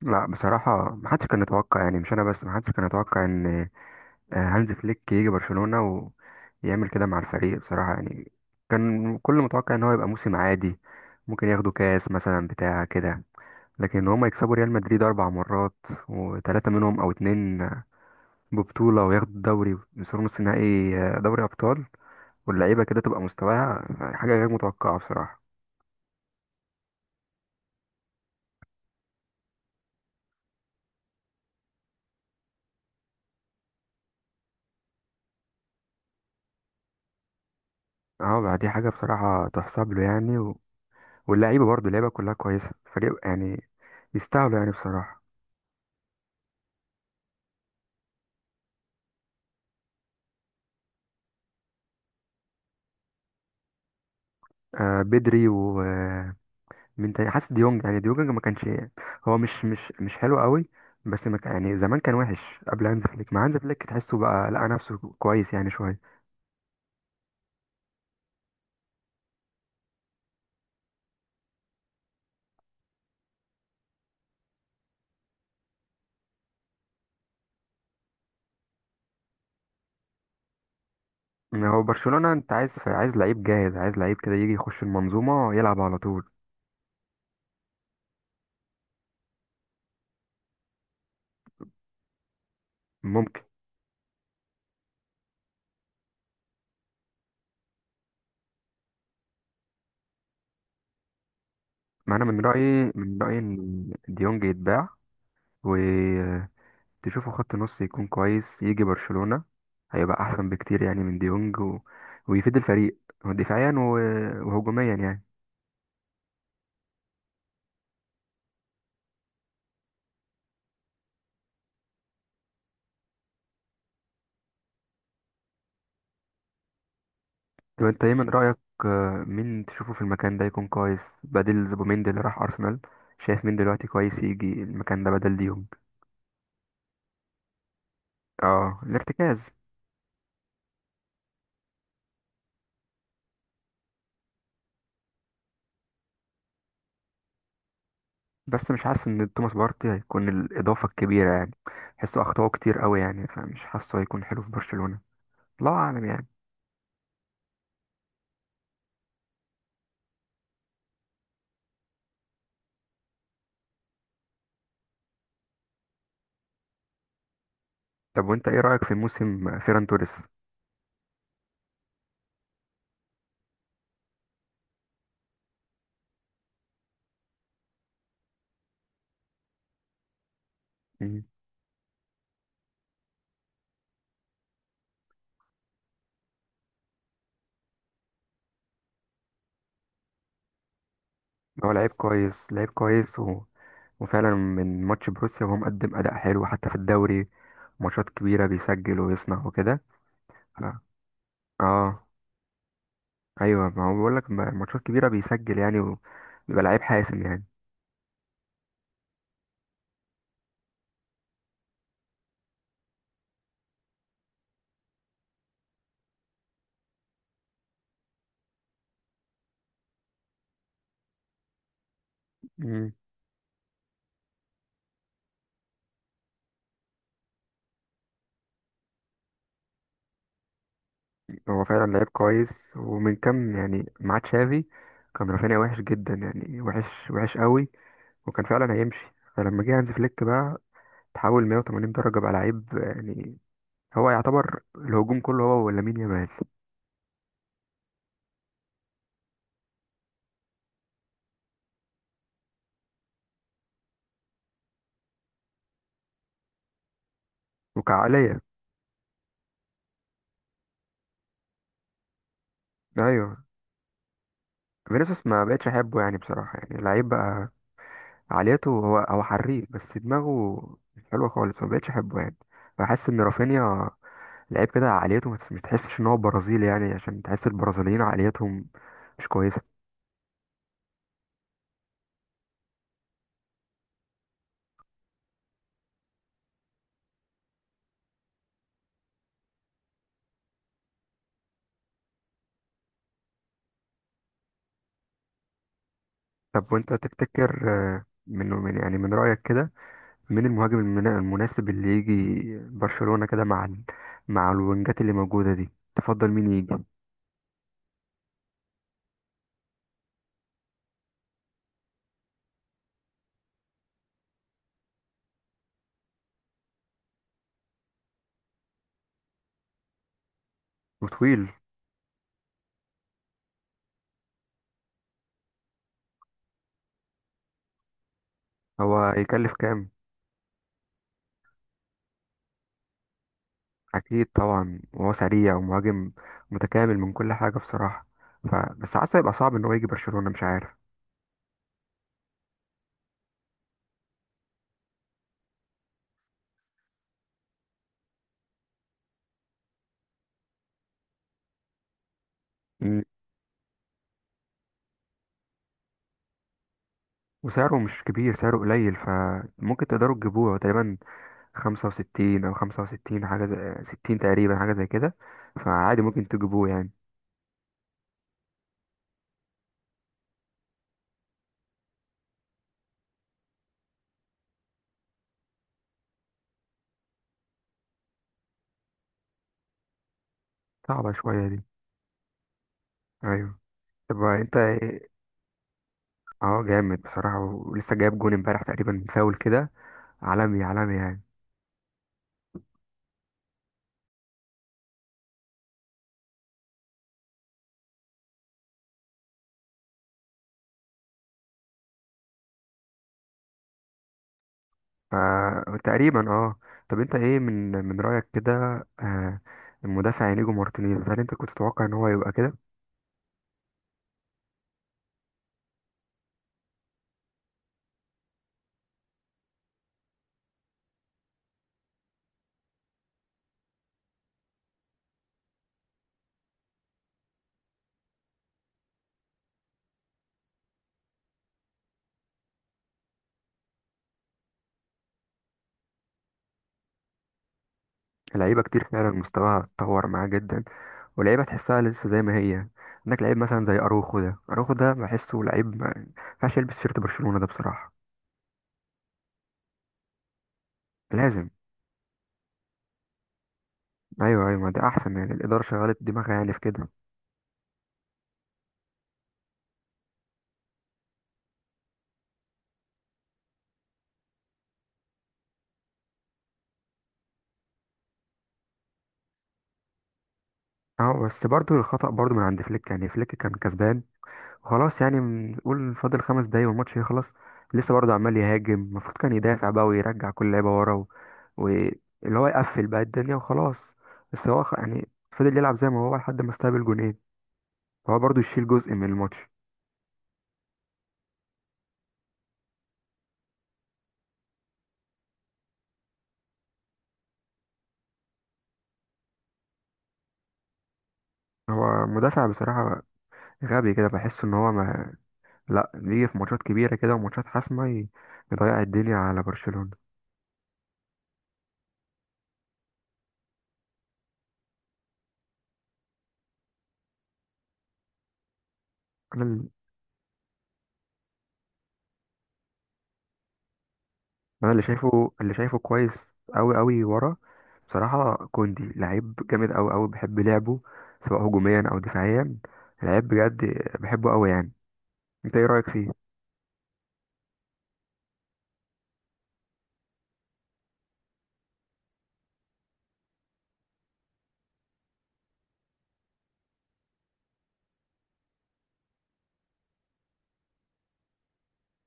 لا بصراحة محدش كان يتوقع، يعني مش أنا بس، محدش كان يتوقع إن هانز فليك يجي برشلونة ويعمل كده مع الفريق بصراحة، يعني كان كل متوقع إن هو يبقى موسم عادي. ممكن ياخدوا كاس مثلا بتاع كده، لكن هما يكسبوا ريال مدريد 4 مرات، وتلاتة منهم أو اتنين ببطولة، وياخدوا الدوري ويوصلوا نص نهائي، دوري أبطال. واللعيبة كده تبقى مستواها حاجة غير متوقعة بصراحة. اه، دي حاجة بصراحة تحسب له يعني. واللعيبه برضو اللعيبه كلها كويسه، فريق يعني يستاهلوا يعني بصراحه. آه، بدري ومين تاني؟ حاسس ديونج، يعني ديونج ما كانش، هو مش حلو قوي، بس ما كان يعني، زمان كان وحش قبل هانز فليك، مع هانز فليك تحسه بقى لقى نفسه كويس يعني شويه. إن هو برشلونه، انت عايز لعيب جاهز، عايز لعيب كده يجي يخش المنظومه يلعب على طول. ممكن. مع انا من رايي ان ديونج يتباع، و تشوفوا خط نص يكون كويس يجي برشلونة، هيبقى احسن بكتير يعني من ديونج ويفيد الفريق دفاعيا وهجوميا يعني. طب انت ايه من رأيك؟ مين تشوفه في المكان ده يكون كويس بدل زوبيميندي اللي راح ارسنال؟ شايف مين دلوقتي كويس يجي المكان ده بدل ديونج؟ اه، الارتكاز. بس مش حاسس ان توماس بارتي هيكون الاضافة الكبيرة يعني، حسه اخطاؤه كتير قوي يعني، فمش حاسه هيكون حلو في برشلونة، الله اعلم يعني. طب وانت ايه رأيك في موسم فيران توريس؟ هو لعيب كويس، لعيب كويس، وفعلا من ماتش بروسيا وهو مقدم أداء حلو حتى في الدوري، ماتشات كبيرة بيسجل ويصنع وكده. ف- اه، ايوه، ما هو بقول لك ماتشات كبيرة بيسجل يعني، وبيبقى لعيب حاسم يعني. مم. هو فعلا لعيب كويس. ومن كام يعني مع تشافي، كان رافينيا وحش جدا، يعني وحش، وحش قوي، وكان فعلا هيمشي، فلما جه هانز فليك بقى، تحول 180 درجة، بقى لعيب يعني، هو يعتبر الهجوم كله هو ولامين يامال. وكعقلية، ايوه. فينيسيوس ما بقتش احبه يعني، بصراحه يعني، لعيب بقى عاليته، هو هو حريف، بس دماغه مش حلوه خالص، ما بقتش احبه يعني. بحس ان رافينيا لعيب كده عاليته، ما تحسش ان هو برازيلي، يعني عشان تحس البرازيليين عاليتهم مش كويسه. طب وانت تفتكر، من يعني من رايك كده، مين المهاجم المناسب اللي يجي برشلونه كده مع مع الوينجات اللي موجوده دي؟ تفضل مين يجي؟ وطويل. هو يكلف كام؟ اكيد طبعا، وهو سريع ومهاجم متكامل من كل حاجه بصراحه، ف بس حاسه هيبقى صعب ان هو يجي برشلونه، مش عارف. مم. وسعره مش كبير، سعره قليل، فممكن تقدروا تجيبوه، هو تقريبا 65 أو 65، حاجة زي 60 تقريبا، حاجة زي كده، فعادي ممكن تجيبوه يعني. صعبة شوية دي. أيوة. طب أنت إيه؟ اه، جامد بصراحة، ولسه جايب جون امبارح تقريبا من فاول كده، عالمي عالمي يعني. فتقريبا اه. طب انت ايه من رأيك كده، آه، المدافع انيجو مارتينيز، هل انت كنت تتوقع ان هو يبقى كده؟ لعيبه كتير فعلا مستواها اتطور معاه جدا، ولعيبه تحسها لسه زي ما هي. عندك لعيب مثلا زي اروخو ده، اروخو ده بحسه لعيب ما ينفعش يلبس شيرت برشلونة ده بصراحة. لازم. ايوه، ايوه، ما ده احسن يعني، الاداره شغلت دماغها يعني في كده. اه، بس برضو الخطأ برضو من عند فليك يعني، فليك كان كسبان خلاص يعني، نقول فاضل 5 دقايق والماتش يخلص، لسه برضه عمال يهاجم، المفروض كان يدافع بقى ويرجع كل لعيبه ورا، واللي هو يقفل بقى الدنيا وخلاص. بس هو يعني فضل يلعب زي ما هو لحد ما استقبل جونين، فهو برضه يشيل جزء من الماتش. هو مدافع بصراحة غبي كده، بحس ان هو ما، لا، بيجي في ماتشات كبيرة كده وماتشات حاسمة يضيع الدنيا على برشلونة. انا اللي شايفه كويس قوي قوي ورا، بصراحه كوندي لعيب جامد قوي قوي، بحب لعبه سواء هجوميا او دفاعيا، لعيب بجد، بحبه قوي يعني. انت ايه رايك فيه؟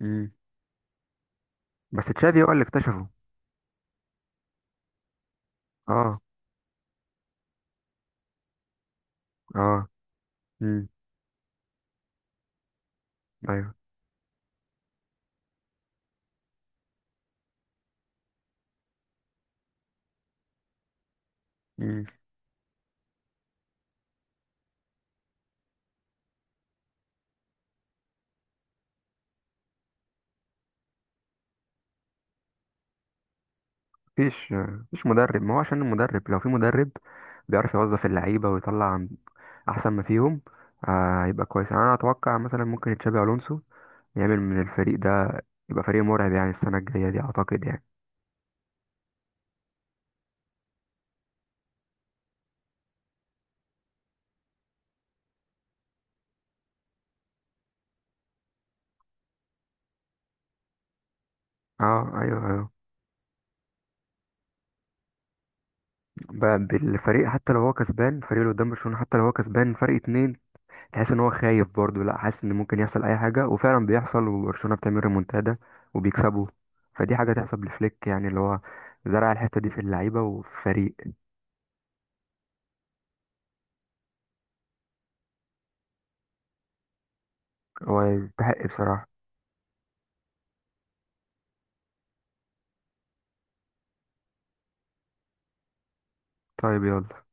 امم بس تشافي هو اللي اكتشفه. اه. اه. امم. ايوه. امم. مفيش مدرب، ما هو عشان المدرب، لو في مدرب بيعرف يوظف اللعيبه ويطلع عن احسن ما فيهم. آه يبقى كويس يعني، انا اتوقع مثلا ممكن تشابي الونسو يعمل من الفريق ده، يبقى فريق مرعب يعني السنه الجايه دي اعتقد يعني. اه، ايوه، ايوه. بقى بالفريق حتى لو هو كسبان، فريق اللي قدام برشلونة حتى لو هو كسبان فرق اتنين، تحس ان هو خايف برضه، لا حاسس ان ممكن يحصل اي حاجة، وفعلا بيحصل وبرشلونة بتعمل ريمونتادا وبيكسبوا. فدي حاجة تحسب لفليك يعني، اللي هو زرع الحتة دي في اللعيبة وفريق. هو يستحق بصراحة. طيب يلا.